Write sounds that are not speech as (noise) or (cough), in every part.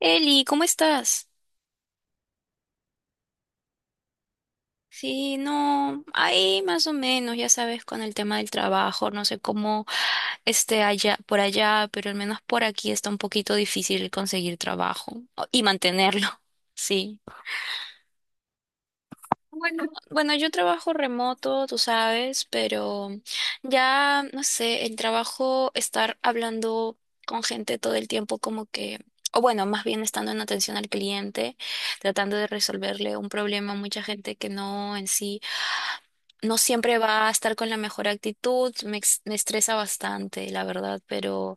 Eli, ¿cómo estás? Sí, no, ahí más o menos, ya sabes, con el tema del trabajo, no sé cómo esté allá, por allá, pero al menos por aquí está un poquito difícil conseguir trabajo y mantenerlo. (laughs) Sí. Bueno, yo trabajo remoto, tú sabes, pero ya, no sé, el trabajo, estar hablando con gente todo el tiempo como que, o bueno, más bien estando en atención al cliente, tratando de resolverle un problema a mucha gente que no en sí, no siempre va a estar con la mejor actitud, me estresa bastante, la verdad, pero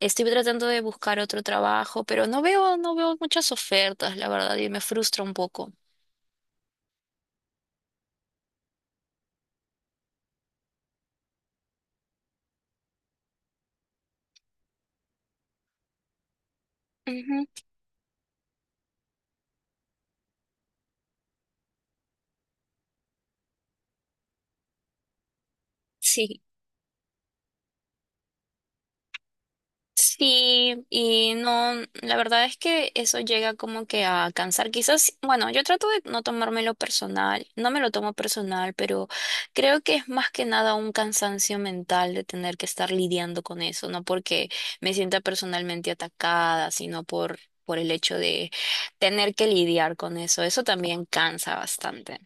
estoy tratando de buscar otro trabajo, pero no veo muchas ofertas, la verdad, y me frustra un poco. Ujú. Sí. Sí, y no, la verdad es que eso llega como que a cansar. Quizás, bueno, yo trato de no tomármelo personal, no me lo tomo personal, pero creo que es más que nada un cansancio mental de tener que estar lidiando con eso, no porque me sienta personalmente atacada, por el hecho de tener que lidiar con eso. Eso también cansa bastante.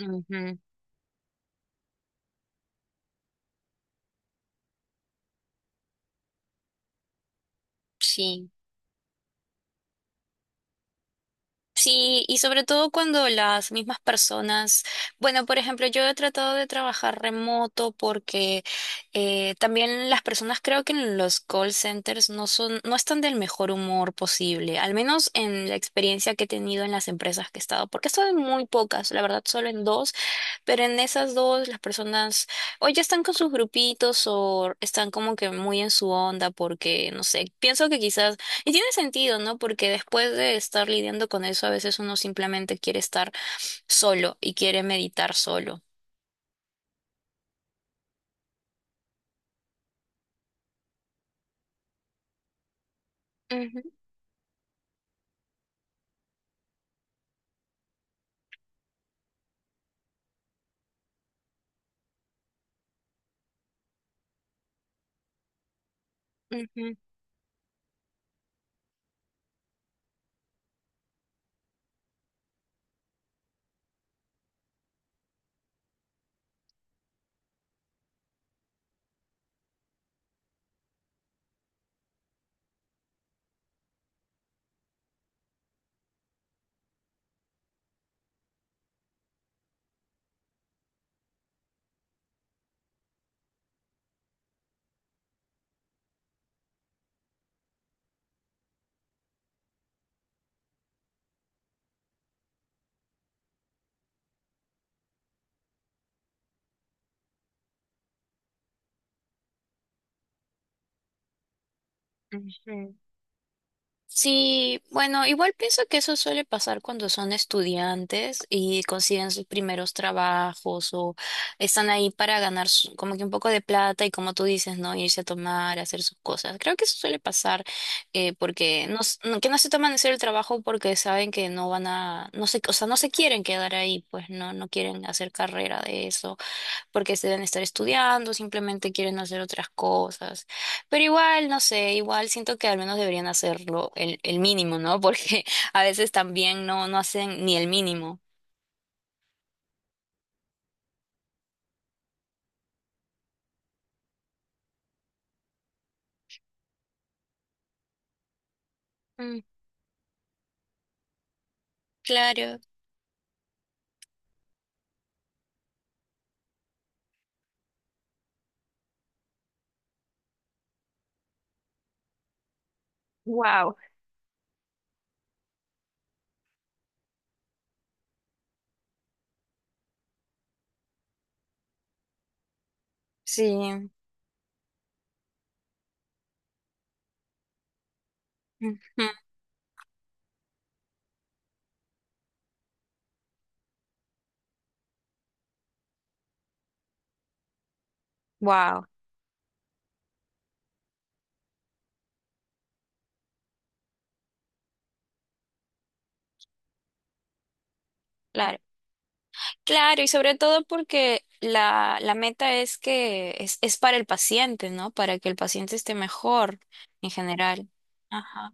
Ujú. Sí. Sí, y sobre todo cuando las mismas personas, bueno, por ejemplo, yo he tratado de trabajar remoto porque también las personas creo que en los call centers no están del mejor humor posible, al menos en la experiencia que he tenido en las empresas que he estado, porque he estado en muy pocas, la verdad, solo en dos, pero en esas dos las personas o ya están con sus grupitos o están como que muy en su onda porque, no sé, pienso que quizás y tiene sentido, ¿no? Porque después de estar lidiando con eso, a veces uno simplemente quiere estar solo y quiere meditar solo. Ujú, ujú, ujú. Sí, bueno, igual pienso que eso suele pasar cuando son estudiantes y consiguen sus primeros trabajos o están ahí para ganar como que un poco de plata y como tú dices, ¿no? Irse a tomar, hacer sus cosas. Creo que eso suele pasar porque que no se toman en serio el trabajo porque saben que no van a, no sé, o sea, no se quieren quedar ahí, pues no, no quieren hacer carrera de eso porque se deben estar estudiando, simplemente quieren hacer otras cosas. Pero igual, no sé, igual siento que al menos deberían hacerlo el mínimo, ¿no? (laughs) Porque a veces también no, no hacen ni el mínimo. Mm, claro. Wow. Sí. Ujú. Wow, claro. Claro, y sobre todo porque la meta es es para el paciente, ¿no? Para que el paciente esté mejor en general. Ajá.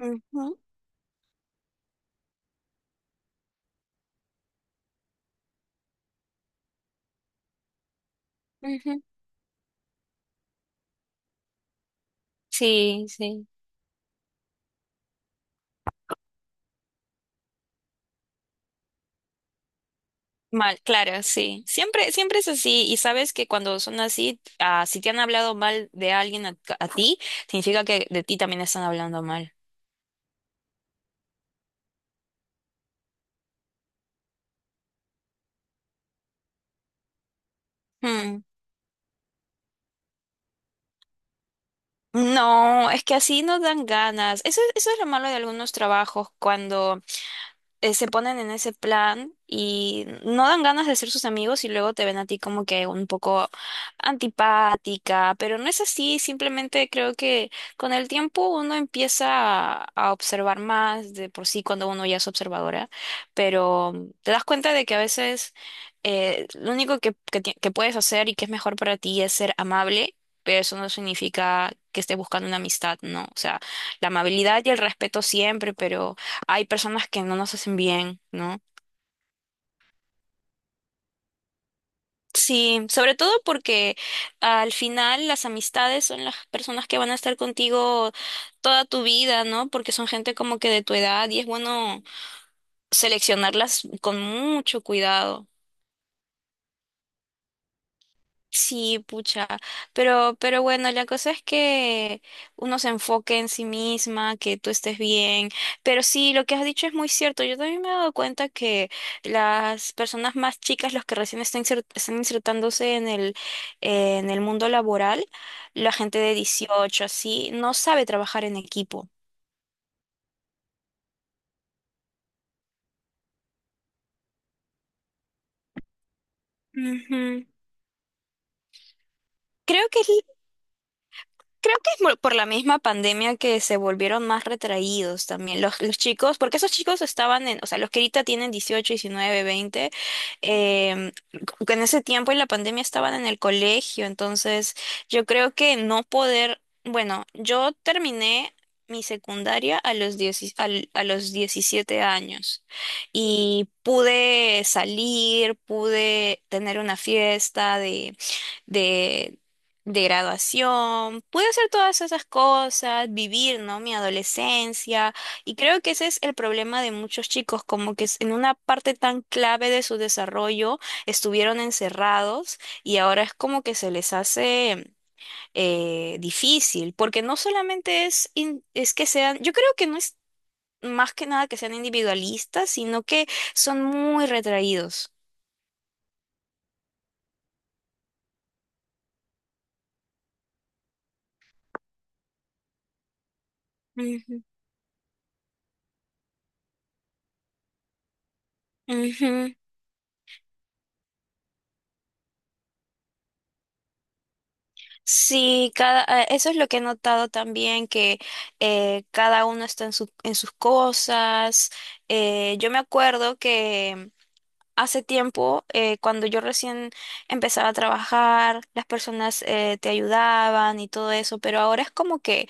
Ujú, ujú. Sí, sí. Mal, claro, sí. Siempre, siempre es así. Y sabes que cuando son así, ah, si te han hablado mal de alguien a ti, significa que de ti también están hablando mal. Hmm. No, es que así no dan ganas. Eso es lo malo de algunos trabajos, cuando se ponen en ese plan y no dan ganas de ser sus amigos y luego te ven a ti como que un poco antipática, pero no es así, simplemente creo que con el tiempo uno empieza a observar más de por sí cuando uno ya es observadora, pero te das cuenta de que a veces lo único que puedes hacer y que es mejor para ti es ser amable. Pero eso no significa que estés buscando una amistad, ¿no? O sea, la amabilidad y el respeto siempre, pero hay personas que no nos hacen bien, ¿no? Sí, sobre todo porque al final las amistades son las personas que van a estar contigo toda tu vida, ¿no? Porque son gente como que de tu edad y es bueno seleccionarlas con mucho cuidado. Sí, pucha, pero bueno, la cosa es que uno se enfoque en sí misma, que tú estés bien, pero sí, lo que has dicho es muy cierto, yo también me he dado cuenta que las personas más chicas, los que recién están, están insertándose en el mundo laboral, la gente de 18 así, no sabe trabajar en equipo. Ujú. Creo que es Creo que es por la misma pandemia que se volvieron más retraídos también los chicos, porque esos chicos estaban en, o sea, los que ahorita tienen 18 19 20 en ese tiempo en la pandemia estaban en el colegio, entonces yo creo que no poder, bueno, yo terminé mi secundaria a los, a los 17 años y pude salir, pude tener una fiesta de, de graduación, pude hacer todas esas cosas, vivir, ¿no? Mi adolescencia. Y creo que ese es el problema de muchos chicos, como que en una parte tan clave de su desarrollo estuvieron encerrados y ahora es como que se les hace difícil, porque no solamente es que sean, yo creo que no es más que nada que sean individualistas, sino que son muy retraídos. Ujú, ujú. Sí, cada, eso es lo que he notado también, que cada uno está en en sus cosas. Yo me acuerdo que hace tiempo, cuando yo recién empezaba a trabajar, las personas te ayudaban y todo eso, pero ahora es como que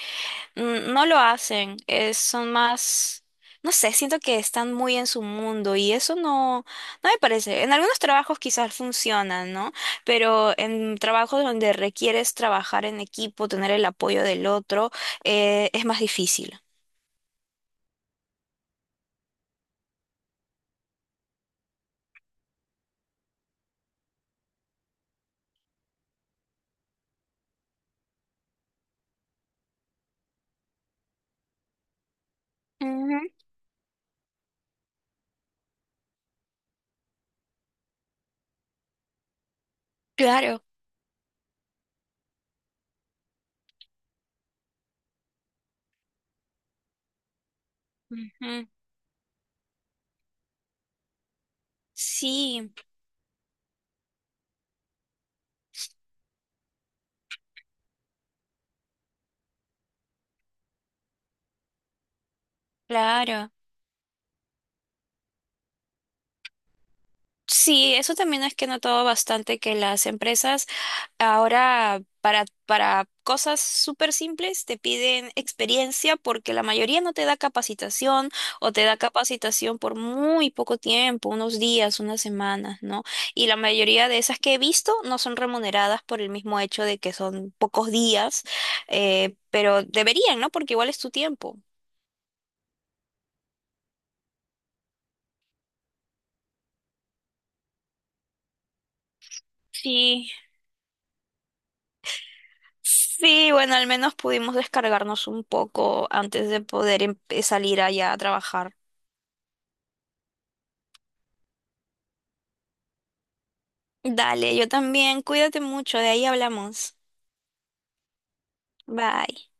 mm, no lo hacen, son más, no sé, siento que están muy en su mundo y eso no, no me parece. En algunos trabajos quizás funcionan, ¿no? Pero en trabajos donde requieres trabajar en equipo, tener el apoyo del otro, es más difícil. Ujú. Claro. Ujú. Sí, claro. Sí, eso también es que he notado bastante que las empresas ahora, para cosas súper simples, te piden experiencia porque la mayoría no te da capacitación o te da capacitación por muy poco tiempo, unos días, unas semanas, ¿no? Y la mayoría de esas que he visto no son remuneradas por el mismo hecho de que son pocos días, pero deberían, ¿no? Porque igual es tu tiempo. Sí. Sí, bueno, al menos pudimos descargarnos un poco antes de poder salir allá a trabajar. Dale, yo también. Cuídate mucho, de ahí hablamos. Bye.